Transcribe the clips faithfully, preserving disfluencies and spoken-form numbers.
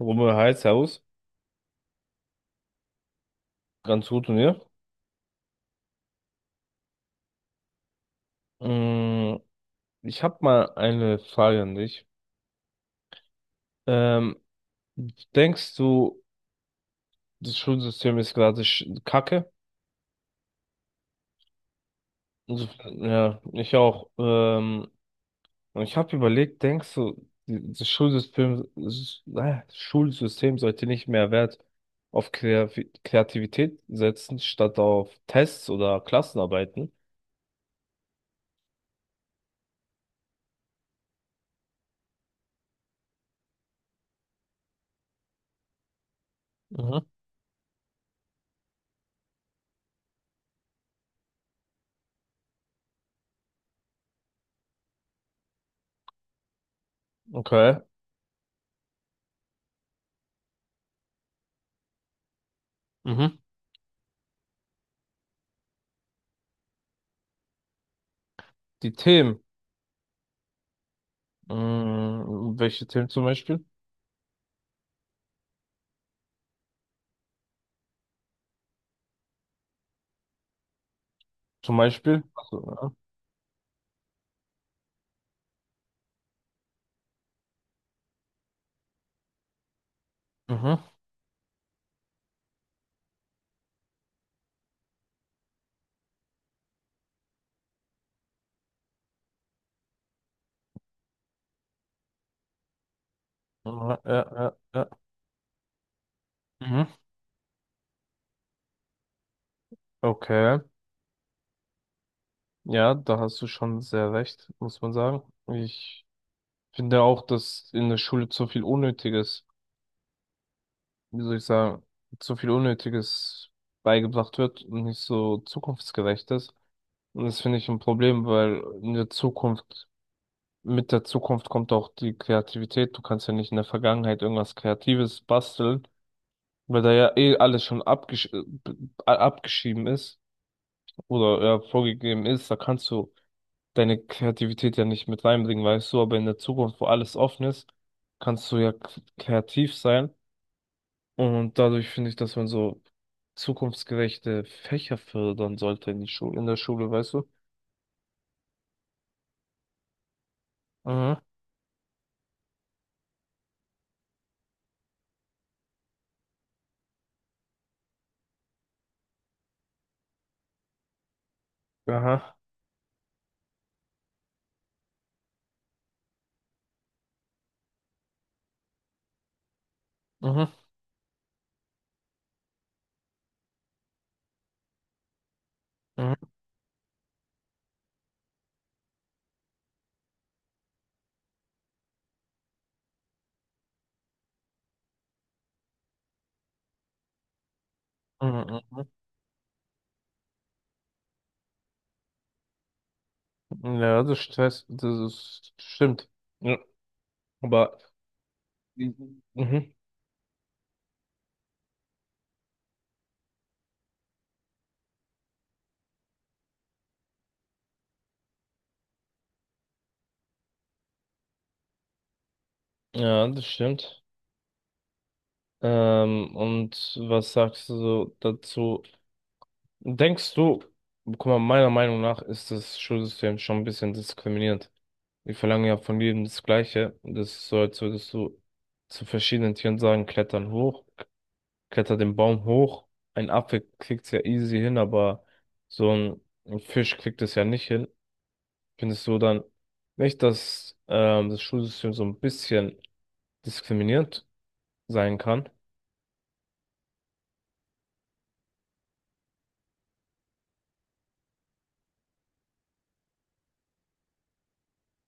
Rummel heißt Servus. Ganz gut und ihr? Mm, ich habe mal eine Frage an dich. Ähm, Denkst du, das Schulsystem ist gerade sch- Kacke? Also, ja, ich auch. Ähm, und ich habe überlegt, denkst du, die- das Schulsystem, s- äh, Schulsystem sollte nicht mehr Wert auf Kreavi- Kreativität setzen, statt auf Tests oder Klassenarbeiten? Mhm. Okay. Mhm. Die Themen. Mm, welche Themen zum Beispiel? Zum Beispiel. So, ja. Mhm. Ja, ja, ja, ja. Mhm. Okay. Ja, da hast du schon sehr recht, muss man sagen. Ich finde auch, dass in der Schule zu viel Unnötiges, wie soll ich sagen, zu viel Unnötiges beigebracht wird und nicht so zukunftsgerecht ist. Und das finde ich ein Problem, weil in der Zukunft, mit der Zukunft kommt auch die Kreativität. Du kannst ja nicht in der Vergangenheit irgendwas Kreatives basteln, weil da ja eh alles schon abgesch äh, b- abgeschrieben ist, oder ja, vorgegeben ist, da kannst du deine Kreativität ja nicht mit reinbringen, weißt du, aber in der Zukunft, wo alles offen ist, kannst du ja k- kreativ sein und dadurch finde ich, dass man so zukunftsgerechte Fächer fördern sollte in die Schule, in der Schule, weißt du? Mhm. Aha. Mhm. Mhm. Mhm. Mhm. Ja, das Stress, das ist, stimmt. Ja, aber Mhm. Mhm. Ja, das stimmt. Ähm, und was sagst du so dazu? Denkst du, guck mal, meiner Meinung nach ist das Schulsystem schon ein bisschen diskriminierend. Wir verlangen ja von jedem das Gleiche. Das ist so, als würdest du zu verschiedenen Tieren sagen, klettern hoch, kletter den Baum hoch. Ein Affe kriegt's ja easy hin, aber so ein, ein Fisch kriegt es ja nicht hin. Findest du dann nicht, dass ähm, das Schulsystem so ein bisschen diskriminierend sein kann?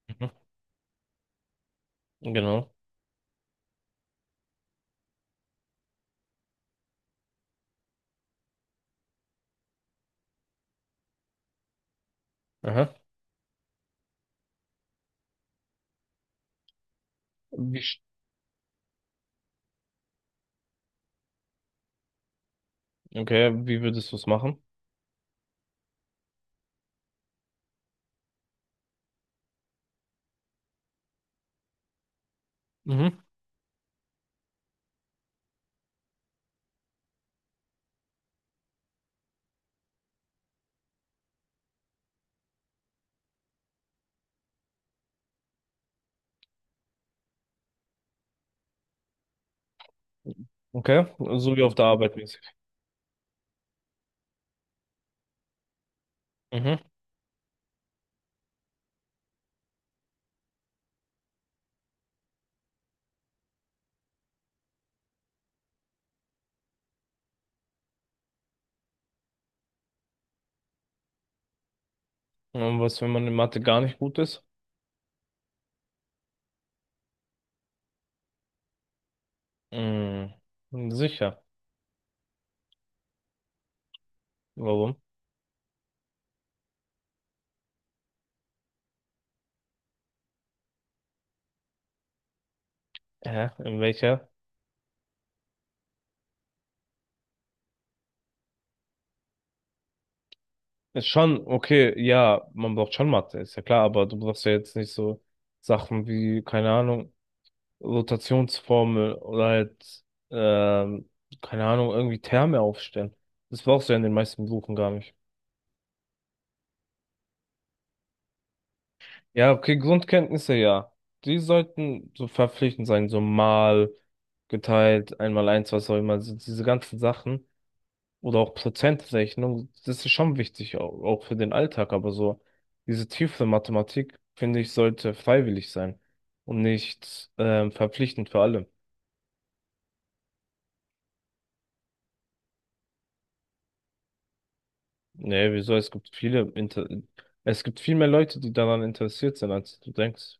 Mhm. Genau. Aha. Wie, sch- okay, wie würdest du es machen? Mhm. Okay, so wie auf der Arbeit mäßig. Mhm. Und was, wenn man in Mathe gar nicht gut ist? Mhm. Sicher. Warum? Hä? In welcher? Ist schon, okay, ja, man braucht schon Mathe, ist ja klar, aber du brauchst ja jetzt nicht so Sachen wie, keine Ahnung, Rotationsformel oder halt, ähm, keine Ahnung, irgendwie Terme aufstellen. Das brauchst du ja in den meisten Berufen gar nicht. Ja, okay, Grundkenntnisse, ja. Die sollten so verpflichtend sein, so mal geteilt, einmal eins, was auch immer, also diese ganzen Sachen. Oder auch Prozentrechnung, das ist schon wichtig, au- auch für den Alltag, aber so diese tiefe Mathematik, finde ich, sollte freiwillig sein und nicht ähm, verpflichtend für alle. Nee, wieso? Es gibt viele, Inter es gibt viel mehr Leute, die daran interessiert sind, als du denkst.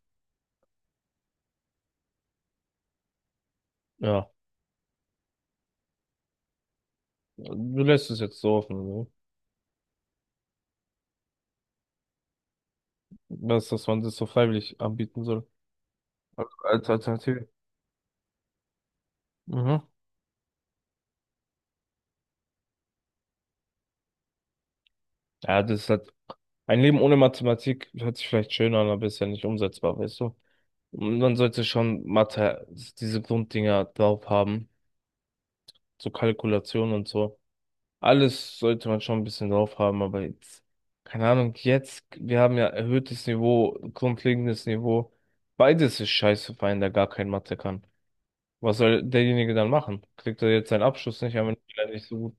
Ja, du lässt es jetzt so offen, ne? Was, dass man das so freiwillig anbieten soll. Als als Alternative. Mhm. Ja, das ist halt ein Leben ohne Mathematik hört sich vielleicht schön an, aber ist ja nicht umsetzbar, weißt du? Und man sollte schon Mathe, diese Grunddinger drauf haben, so Kalkulation und so. Alles sollte man schon ein bisschen drauf haben, aber jetzt, keine Ahnung, jetzt, wir haben ja erhöhtes Niveau, grundlegendes Niveau. Beides ist scheiße für einen, der gar kein Mathe kann. Was soll derjenige dann machen? Kriegt er jetzt seinen Abschluss nicht, aber nicht so gut.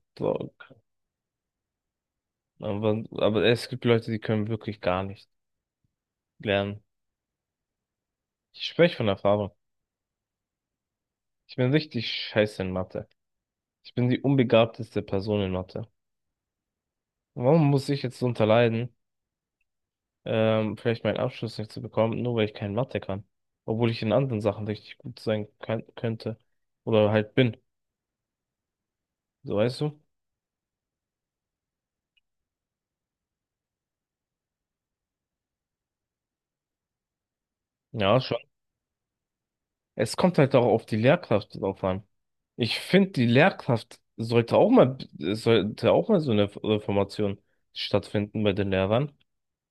Aber, aber es gibt Leute, die können wirklich gar nicht lernen. Ich spreche von Erfahrung. Ich bin richtig scheiße in Mathe. Ich bin die unbegabteste Person in Mathe. Warum muss ich jetzt darunter leiden, ähm, vielleicht meinen Abschluss nicht zu bekommen, nur weil ich kein Mathe kann? Obwohl ich in anderen Sachen richtig gut sein kann, könnte. Oder halt bin. So weißt du? Ja, schon. Es kommt halt auch auf die Lehrkraft drauf an. Ich finde, die Lehrkraft sollte auch mal, sollte auch mal so eine Reformation stattfinden bei den Lehrern.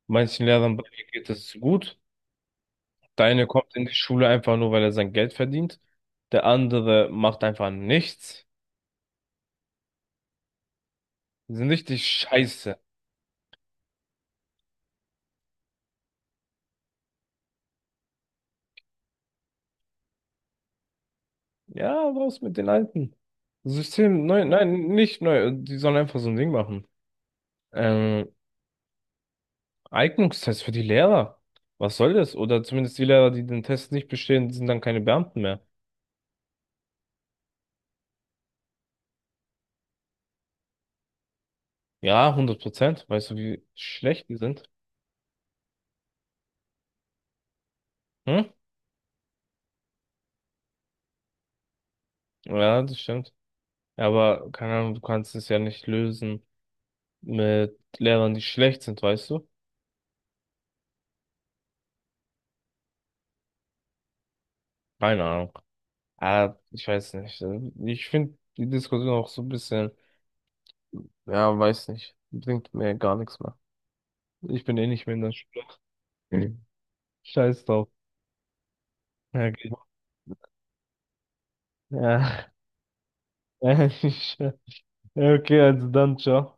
Manchen Lehrern bei mir geht es gut. Der eine kommt in die Schule einfach nur, weil er sein Geld verdient. Der andere macht einfach nichts. Die sind richtig scheiße. Ja, raus mit den alten. System neu, nein, nicht neu. Die sollen einfach so ein Ding machen. Ähm, Eignungstest für die Lehrer. Was soll das? Oder zumindest die Lehrer, die den Test nicht bestehen, sind dann keine Beamten mehr. Ja, hundert Prozent. Weißt du, wie schlecht die sind? Hm? Ja, das stimmt. Ja, aber keine Ahnung, du kannst es ja nicht lösen mit Lehrern, die schlecht sind, weißt du? Keine Ahnung. Ah, ich weiß nicht. Ich finde die Diskussion auch so ein bisschen, ja, weiß nicht, bringt mir gar nichts mehr. Ich bin eh nicht mehr in der Schule. Mhm. Scheiß drauf. Ja, okay. Ja, ja, okay, also dann, ciao.